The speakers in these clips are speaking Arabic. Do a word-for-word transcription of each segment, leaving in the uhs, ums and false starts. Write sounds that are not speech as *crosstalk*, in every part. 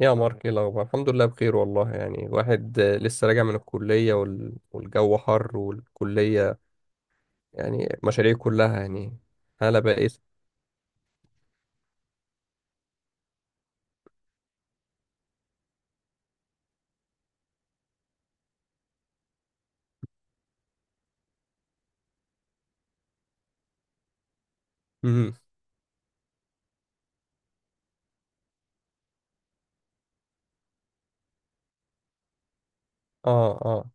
يا مارك، ايه الاخبار؟ الحمد لله، بخير والله. يعني واحد آه، لسه راجع من الكليه وال... والجو حر، والكليه يعني مشاريع كلها يعني. هلا بائس. امم. اه، اه.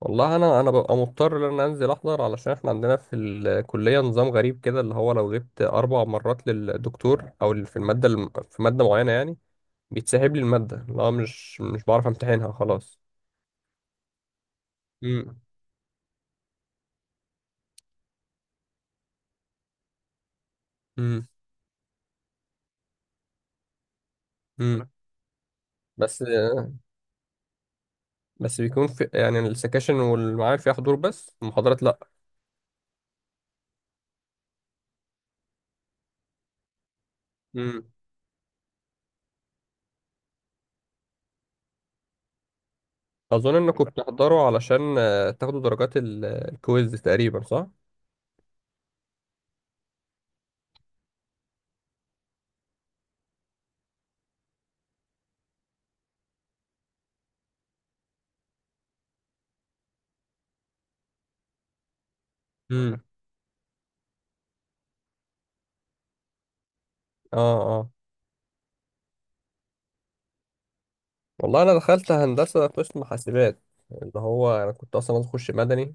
والله انا انا ببقى مضطر ان أنا انزل احضر، علشان احنا عندنا في الكليه نظام غريب كده، اللي هو لو غبت اربع مرات للدكتور او في الماده الم... في ماده معينه يعني بيتسحب لي الماده، اللي هو مش مش بعرف امتحنها خلاص. امم. امم. امم. بس بس بيكون في يعني السكاشن والمعامل فيها حضور، بس المحاضرات لا. امم. اظن انكم بتحضروا علشان آه، تاخدوا درجات ال- الكويز تقريبا، صح؟ امم. اه، اه. والله انا دخلت هندسه، قسم حاسبات. اللي هو انا كنت اصلا عايز اخش مدني.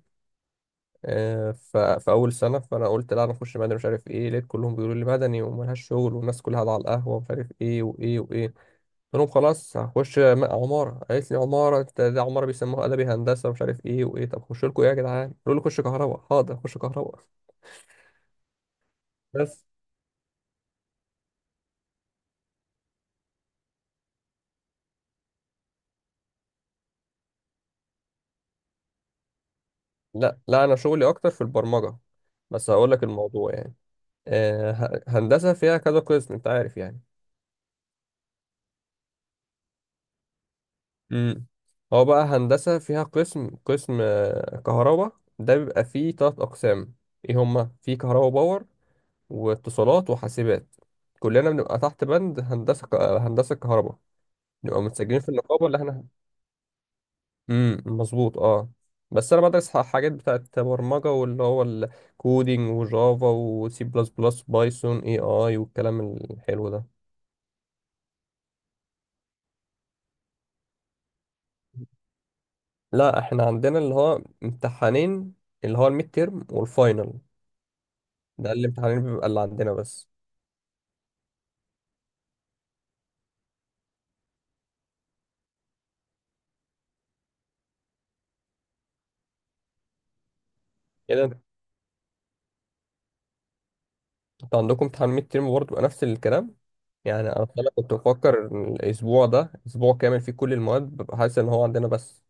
آه، ف- في اول سنه فانا قلت لا انا اخش مدني، مش عارف ايه. لقيت كلهم بيقولوا لي مدني وملهاش شغل، والناس كلها قاعده على القهوه ومش عارف ايه وايه وايه. قلت لهم خلاص هخش م- عمارة. قالت لي عمارة انت؟ ده عمارة بيسموها أدبي هندسة ومش عارف ايه وايه. طب خش لكم ايه يا جدعان؟ قالوا لي خش كهرباء. حاضر، خش كهرباء. بس لا، لا، أنا شغلي أكتر في البرمجة. بس هقول لك الموضوع يعني، آه ه- هندسة فيها كذا قسم، أنت عارف يعني. امم. هو بقى هندسة فيها قسم قسم آه، كهرباء، ده بيبقى فيه تلات أقسام. ايه هما؟ في كهرباء باور، واتصالات، وحاسبات. كلنا بنبقى تحت بند هندسة ك- آه، هندسة كهرباء، نبقى متسجلين في النقابة اللي احنا. امم، مظبوط، اه. بس انا بدرس ح- حاجات بتاعت برمجة، واللي هو الكودينج وجافا وسي بلس بلس بايثون اي اي والكلام الحلو ده. لا، احنا عندنا اللي هو امتحانين، اللي هو الميد تيرم والفاينل. ده الامتحانين بيبقى اللي عندنا بس كده. انتوا عندكم امتحان ميد تيرم برضه بيبقى نفس الكلام؟ يعني انا فعلا كنت بفكر إن الاسبوع ده اسبوع كامل فيه كل المواد، ببقى حاسس ان هو عندنا بس.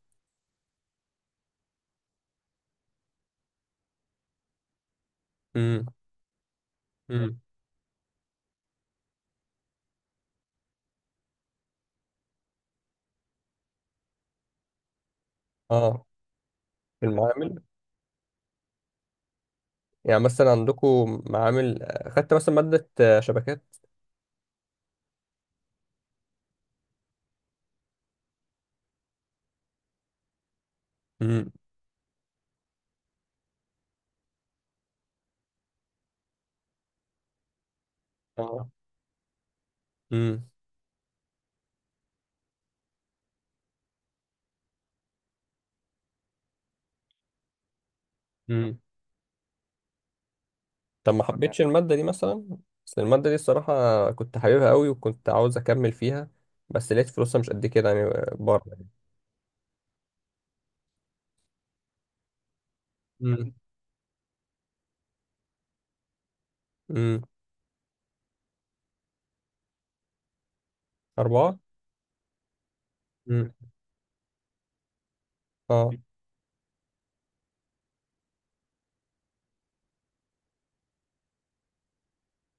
امم. امم. اه. في المعامل، يعني مثلا عندكم معامل؟ خدت مثلا مادة آه، شبكات. امم. اه. امم. امم. طب ما يعني حبيتش المادة دي مثلا؟ بس المادة دي الصراحة كنت حاببها قوي وكنت عاوز أكمل فيها، بس لقيت فلوسها مش قد كده يعني آه، بره يعني. امم. امم. أربعة. امم. اه.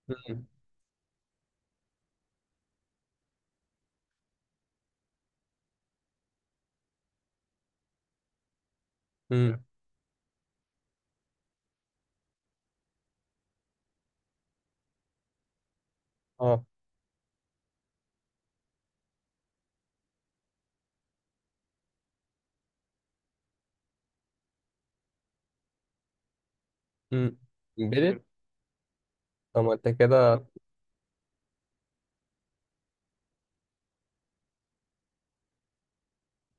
امم. امم. اه. امم. امبيدد. امم. طب ما أنت كده.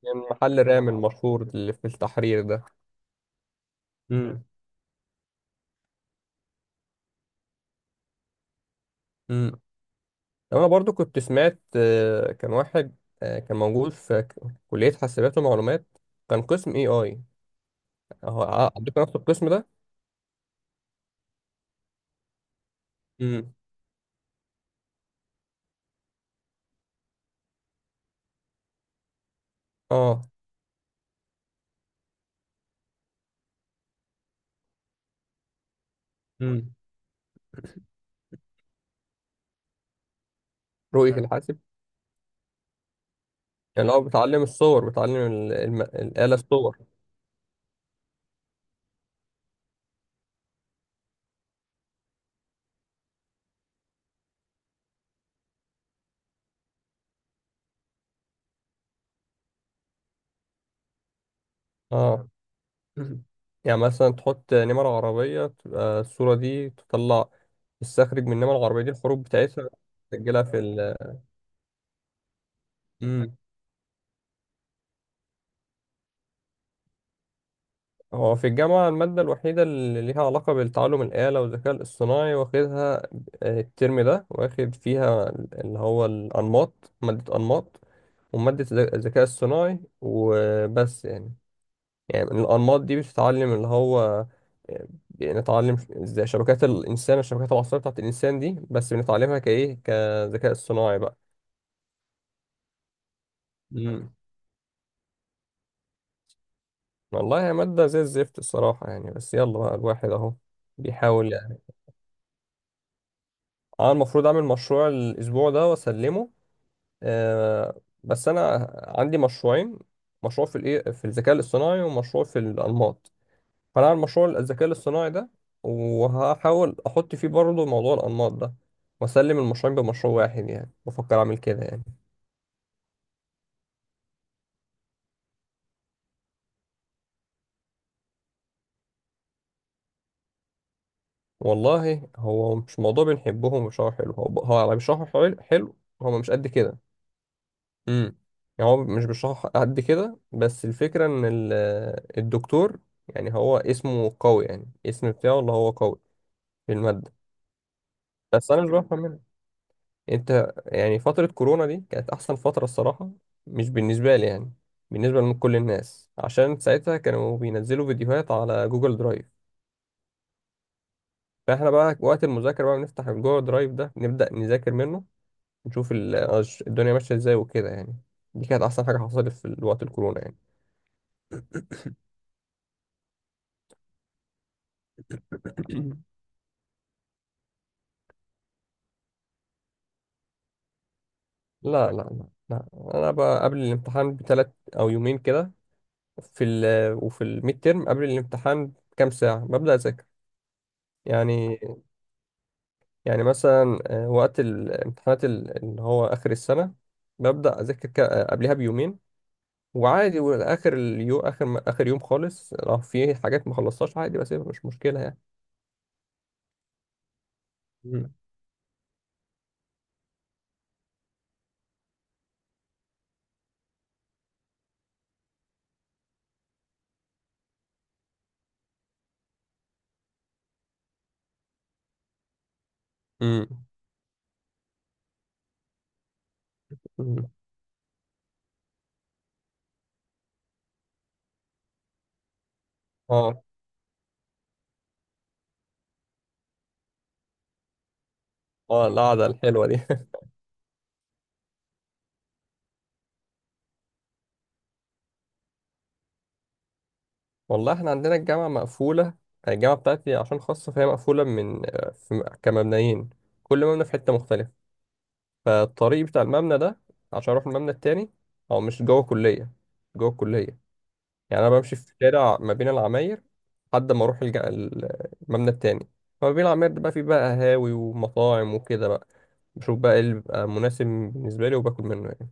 يعني محل رام المشهور اللي في التحرير ده. امم. انا برضو كنت سمعت، آه، كان واحد آه، كان موجود في ك- كلية حاسبات ومعلومات، كان قسم اي اي. اهو ع- عندكم نفس القسم ده. امم. اه. امم. رؤية الحاسب. يعني هو بتعلم الصور، بتعلم ال- الم... الآلة الصور. اه. مم. يعني مثلا تحط نمر عربية، تبقى الصورة دي تطلع تستخرج من النمر العربية دي الحروف بتاعتها، تسجلها في ال. مم. هو في الجامعة المادة الوحيدة اللي ليها علاقة بالتعلم الآلة والذكاء الاصطناعي واخدها آه، الترم ده، واخد فيها اللي هو الأنماط، مادة أنماط ومادة الذ- الذكاء الصناعي وبس يعني. يعني الأنماط دي بتتعلم اللي هو آه، بنتعلم ازاي شبكات الإنسان، الشبكات العصبية بتاعت الإنسان دي، بس بنتعلمها كإيه، كذكاء اصطناعي بقى. مم. والله هي مادة زي الزفت الصراحة يعني، بس يلا بقى الواحد أهو بيحاول. اه، المفروض اعمل مشروع الاسبوع ده واسلمه. آه بس انا عندي مشروعين، مشروع في الايه في الذكاء الاصطناعي ومشروع في الانماط. فانا هعمل مشروع الذكاء الاصطناعي ده، وهحاول احط فيه برضه موضوع الانماط ده، واسلم المشروعين بمشروع واحد يعني، بفكر اعمل كده يعني. والله هو مش موضوع بنحبهم ومش حلو. هو هو على مش حلو، حلو. هو مش قد كده. امم. يعني هو مش بيشرح قد كده، بس الفكرة ان ال- الدكتور، يعني هو اسمه قوي، يعني اسم بتاعه اللي هو قوي في المادة، بس انا مش بفهم منها. انت، يعني فترة كورونا دي كانت احسن فترة الصراحة، مش بالنسبة لي يعني، بالنسبة لكل الناس، عشان ساعتها كانوا بينزلوا فيديوهات على جوجل درايف. فاحنا بقى وقت المذاكرة بقى بنفتح الجوجل درايف ده نبدأ نذاكر منه، نشوف ال- الدنيا ماشية ازاي وكده يعني. دي كانت احسن حاجة حصلت في وقت الكورونا يعني. *clears throat* لا، لا، لا، لا. انا بقى قبل الامتحان بثلاث او يومين كده. في ال وفي الميد تيرم قبل الامتحان بكام ساعه ببدا اذاكر. يعني، يعني مثلا آه، وقت الامتحانات ال- اللي هو اخر السنه، ببدا اذاكر ك- آه، قبلها بيومين وعادي. واخر اليوم اخر م- اخر يوم خالص لو في حاجات ما خلصتهاش عادي بسيبها، مش مشكله يعني. امم. امم. اه، اه، القعده الحلوه دي. والله احنا عندنا الجامعة مقفولة. آه، الجامعة بتاعتي عشان خاصة فهي مقفولة، من آه، في كمبنيين، كل مبنى في حتة مختلفة. فالطريق بتاع المبنى ده عشان اروح المبنى التاني، هو مش جوه الكلية، جوه الكلية. يعني انا بمشي في شارع ما بين العماير لحد ما اروح الج- المبنى التاني. فما بين العماير ده بقى فيه بقى قهاوي ومطاعم وكده بقى، بشوف بقى ايه اللي بيبقى مناسب بالنسبة لي وباكل منه يعني.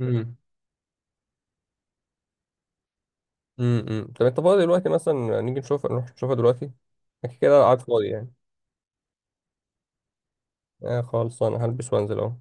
امم. امم. طب انت فاضي دلوقتي؟ مثلا نيجي نشوف، نروح نشوفها دلوقتي؟ أكيد كده كده قاعد فاضي يعني. آه، خالص، انا هلبس وانزل اهو.